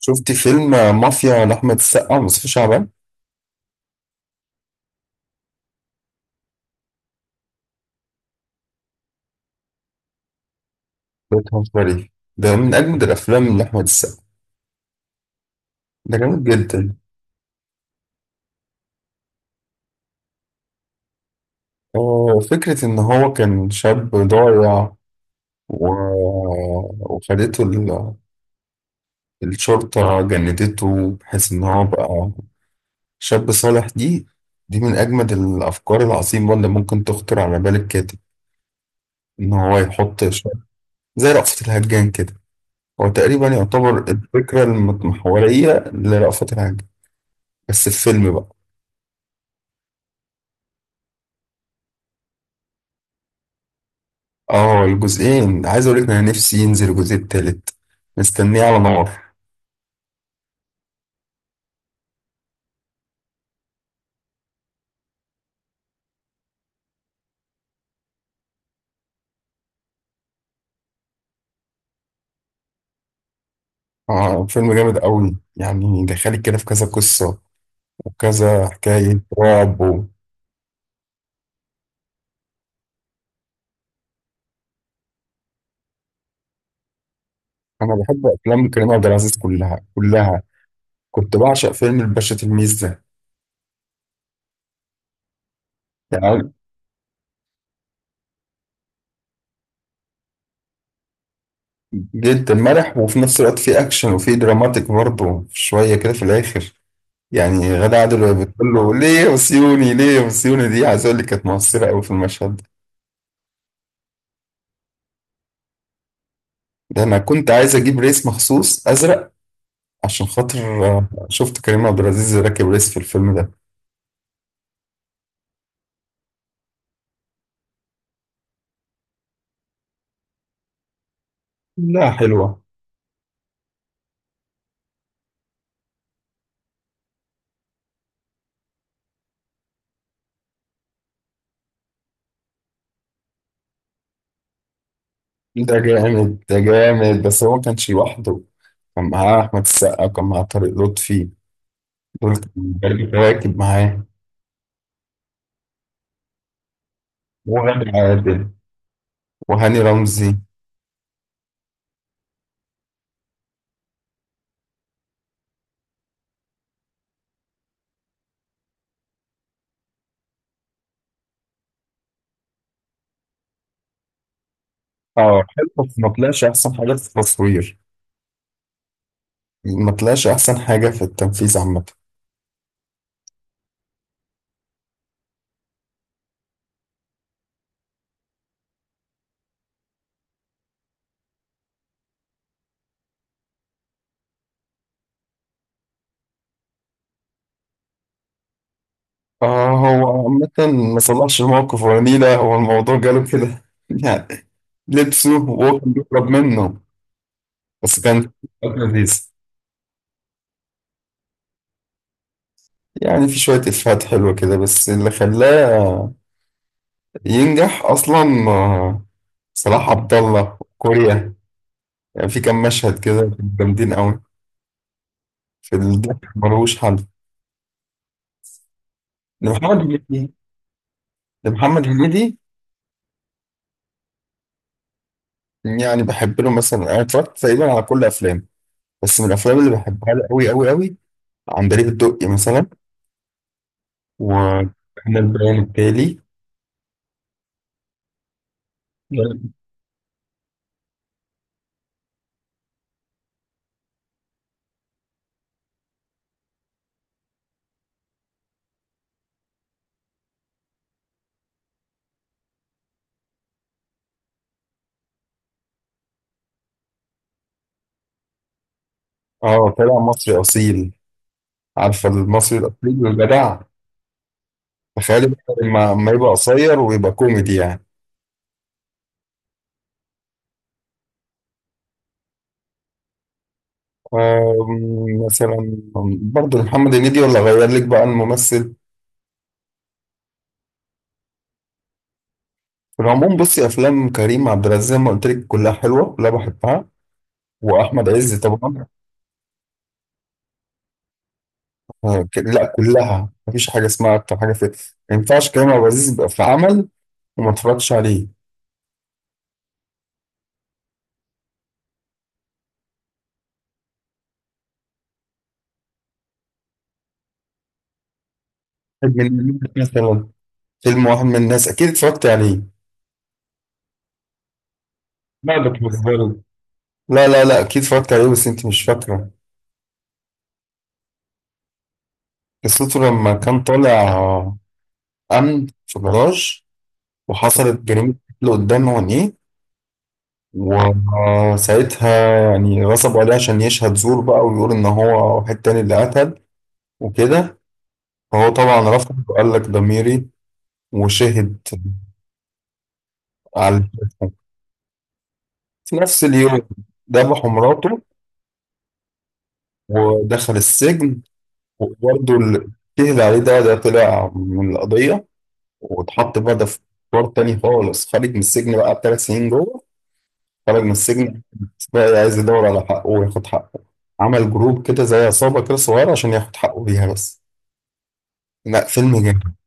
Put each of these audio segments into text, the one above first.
شفت فيلم مافيا لأحمد السقا، مصطفى شعبان. ده بتهزري؟ ده من أجمد الأفلام لأحمد السقا. ده جامد جدا. آه، فكرة إن هو كان شاب ضايع، و... وخدته ال... الشرطة جندته بحيث إن هو بقى شاب صالح. دي من أجمد الأفكار العظيمة اللي ممكن تخطر على بال الكاتب، إن هو يحط شاب زي رأفت الهجان كده. هو تقريبا يعتبر الفكرة المتمحورية لرأفت الهجان، بس في فيلم بقى. اه، الجزئين عايز اقول لك انا نفسي ينزل الجزء التالت، مستنيه على نار. اه، فيلم جامد قوي يعني، دخلك كده في كذا قصه وكذا حكايه رعب و... انا بحب افلام كريم عبد العزيز كلها كلها. كنت بعشق فيلم الباشا تلميذ ده، يعني جدا مرح وفي نفس الوقت في اكشن وفي دراماتيك برضه شويه كده في الاخر. يعني غادة عادل وهي بتقول له ليه يا وسيوني، ليه يا وسيوني، دي عايز اقول لك كانت مؤثره قوي في المشهد ده. انا كنت عايز اجيب ريس مخصوص ازرق عشان خاطر شفت كريم عبد العزيز راكب ريس في الفيلم ده. لا حلوة. ده جامد، ده جامد، بس هو ما كانش لوحده. كان معاه أحمد السقا، وكان معاه طارق لطفي، دول كانوا راكب معاه، وغادة عادل، وهاني رمزي. اه حلو، بس ما طلعش أحسن حاجة في التصوير، ما طلعش أحسن حاجة في التنفيذ عامة. اه، هو عامة ما صلحش الموقف ولا نيلة، هو الموضوع جاله كده يعني، لبسه وهو كان بيهرب منه. بس كان لذيذ يعني، في شوية إفيهات حلوة كده، بس اللي خلاه ينجح أصلا صلاح عبد الله كوريا، يعني في كام مشهد كده كانوا جامدين أوي، في الضحك ملوش حل. لمحمد هنيدي، لمحمد هنيدي، يعني بحب له مثلا، أنا اتفرجت تقريبا على كل أفلامه، بس من الأفلام اللي بحبها له أوي أوي أوي عندليب الدقي مثلا، وكان البيان التالي. اه، طلع مصري اصيل، عارفه المصري الاصيل والجدع، تخيل بقى لما يبقى قصير ويبقى كوميدي يعني. مثلا برضه محمد هنيدي، ولا غير لك بقى الممثل؟ في العموم بصي افلام كريم عبد العزيز زي ما قلت لك كلها حلوه، كلها بحبها، واحمد عز طبعا. لا كلها، مفيش حاجه اسمها اكتر حاجه في. ما ينفعش كريم عبد العزيز يبقى في عمل وما اتفرجتش عليه. واحد من الناس مثلا. فيلم واحد من الناس اكيد اتفرجت عليه. لا ده بتهزري، لا لا لا اكيد اتفرجت عليه بس انت مش فاكره. قصته لما كان طالع آه، امن في جراج وحصلت جريمه اللي قدام عينيه، وساعتها يعني غصبوا عليه عشان يشهد زور بقى، ويقول ان هو واحد تاني اللي قتل وكده. فهو طبعا رفض وقال لك ضميري، وشهد على الجريمة. في نفس اليوم ذبحوا مراته، ودخل السجن. وبرضه اللي شهد عليه ده طلع من القضية، واتحط بقى ده في إطار تاني خالص. خارج من السجن بقى ب3 سنين جوه، خرج من السجن بقى عايز يدور على حقه وياخد حقه، عمل جروب كده زي عصابة كده صغيرة عشان ياخد حقه بيها بس. لا فيلم جامد.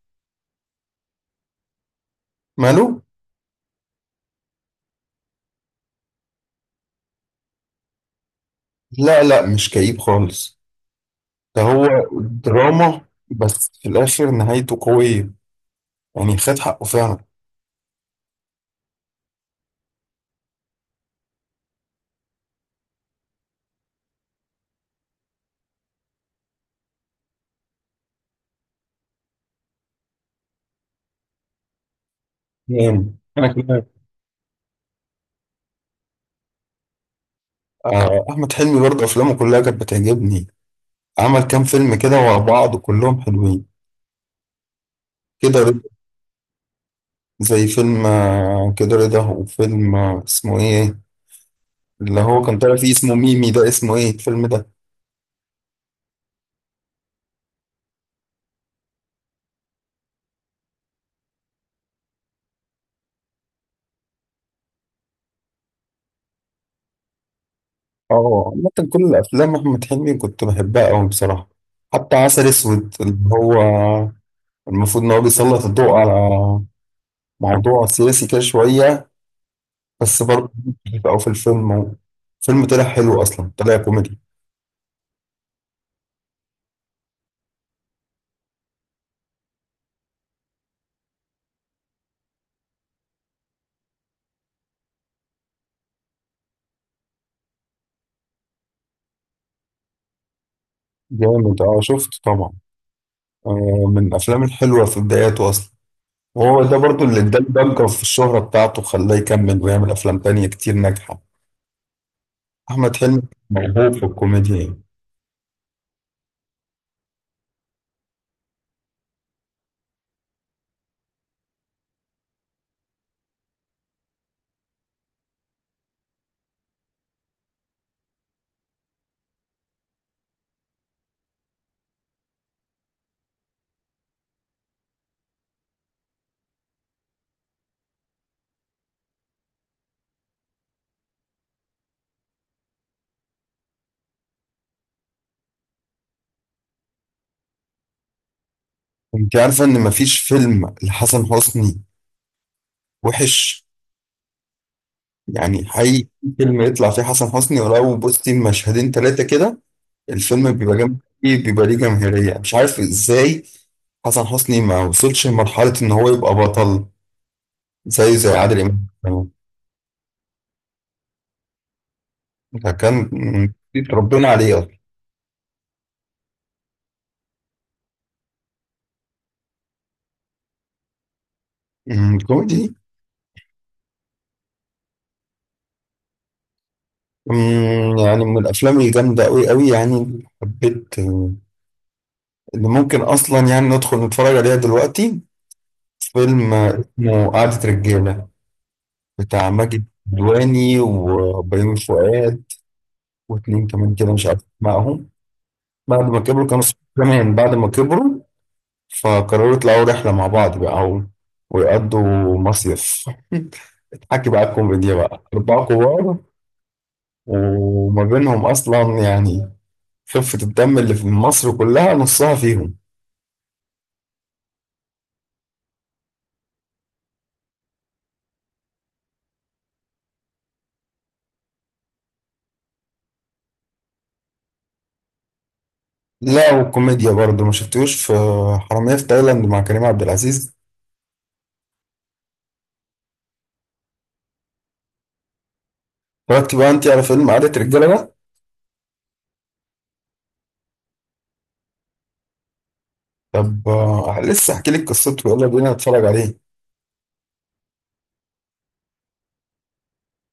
ماله؟ لا لا مش كئيب خالص، ده هو دراما، بس في الآخر نهايته قوية، يعني خد حقه فعلا. جامد أنا كمان. آه، أحمد حلمي برضه أفلامه كلها كانت بتعجبني، عمل كام فيلم كده ورا بعض كلهم حلوين. كده رضا. زي فيلم كده رضا، وفيلم اسمه إيه اللي هو كان طالع فيه اسمه ميمي، ده اسمه ايه الفيلم ده؟ اه، عامة كل الافلام احمد حلمي كنت بحبها قوي بصراحة، حتى عسل اسود اللي هو المفروض ان هو بيسلط الضوء على موضوع سياسي كده شوية، بس برضه او في الفيلم، فيلم طلع حلو اصلا، طلع كوميدي. جامد، اه شفته طبعا، من الافلام الحلوة في بداياته اصلا، وهو ده برضه اللي اداه الضجة في الشهرة بتاعته، خلاه يكمل ويعمل افلام تانية كتير ناجحة. احمد حلمي موهوب في الكوميديا يعني. انت عارفة ان مفيش فيلم لحسن حسني وحش، يعني حقيقي في فيلم يطلع فيه حسن حسني ولو بصي مشهدين تلاتة كده الفيلم بيبقى جامد. ايه بيبقى ليه جماهيرية مش عارف ازاي. حسن حسني ما وصلش لمرحلة ان هو يبقى بطل زيه زي عادل امام، ده كان ربنا عليه اصلا. كوميدي. يعني من الافلام الجامدة قوي قوي يعني، حبيت اللي ممكن اصلا يعني ندخل نتفرج عليها دلوقتي، فيلم اسمه قعدة رجالة، بتاع ماجد الكدواني وبيومي فؤاد واتنين كمان كده مش عارف معهم، بعد ما كبروا كانوا صحاب كمان بعد ما كبروا، فقرروا يطلعوا رحلة مع بعض بقى و- ويقضوا مصيف حكي بقى الكوميديا بقى أربعة كبار، وما بينهم أصلا يعني خفة الدم اللي في مصر كلها نصها فيهم. لا وكوميديا برضه ما شفتوش في حرامية في تايلاند مع كريم عبد العزيز. اتفرجتي بقى انت على فيلم قعدة رجالة ده؟ طب لسه احكي لك قصته، يلا بينا نتفرج عليه.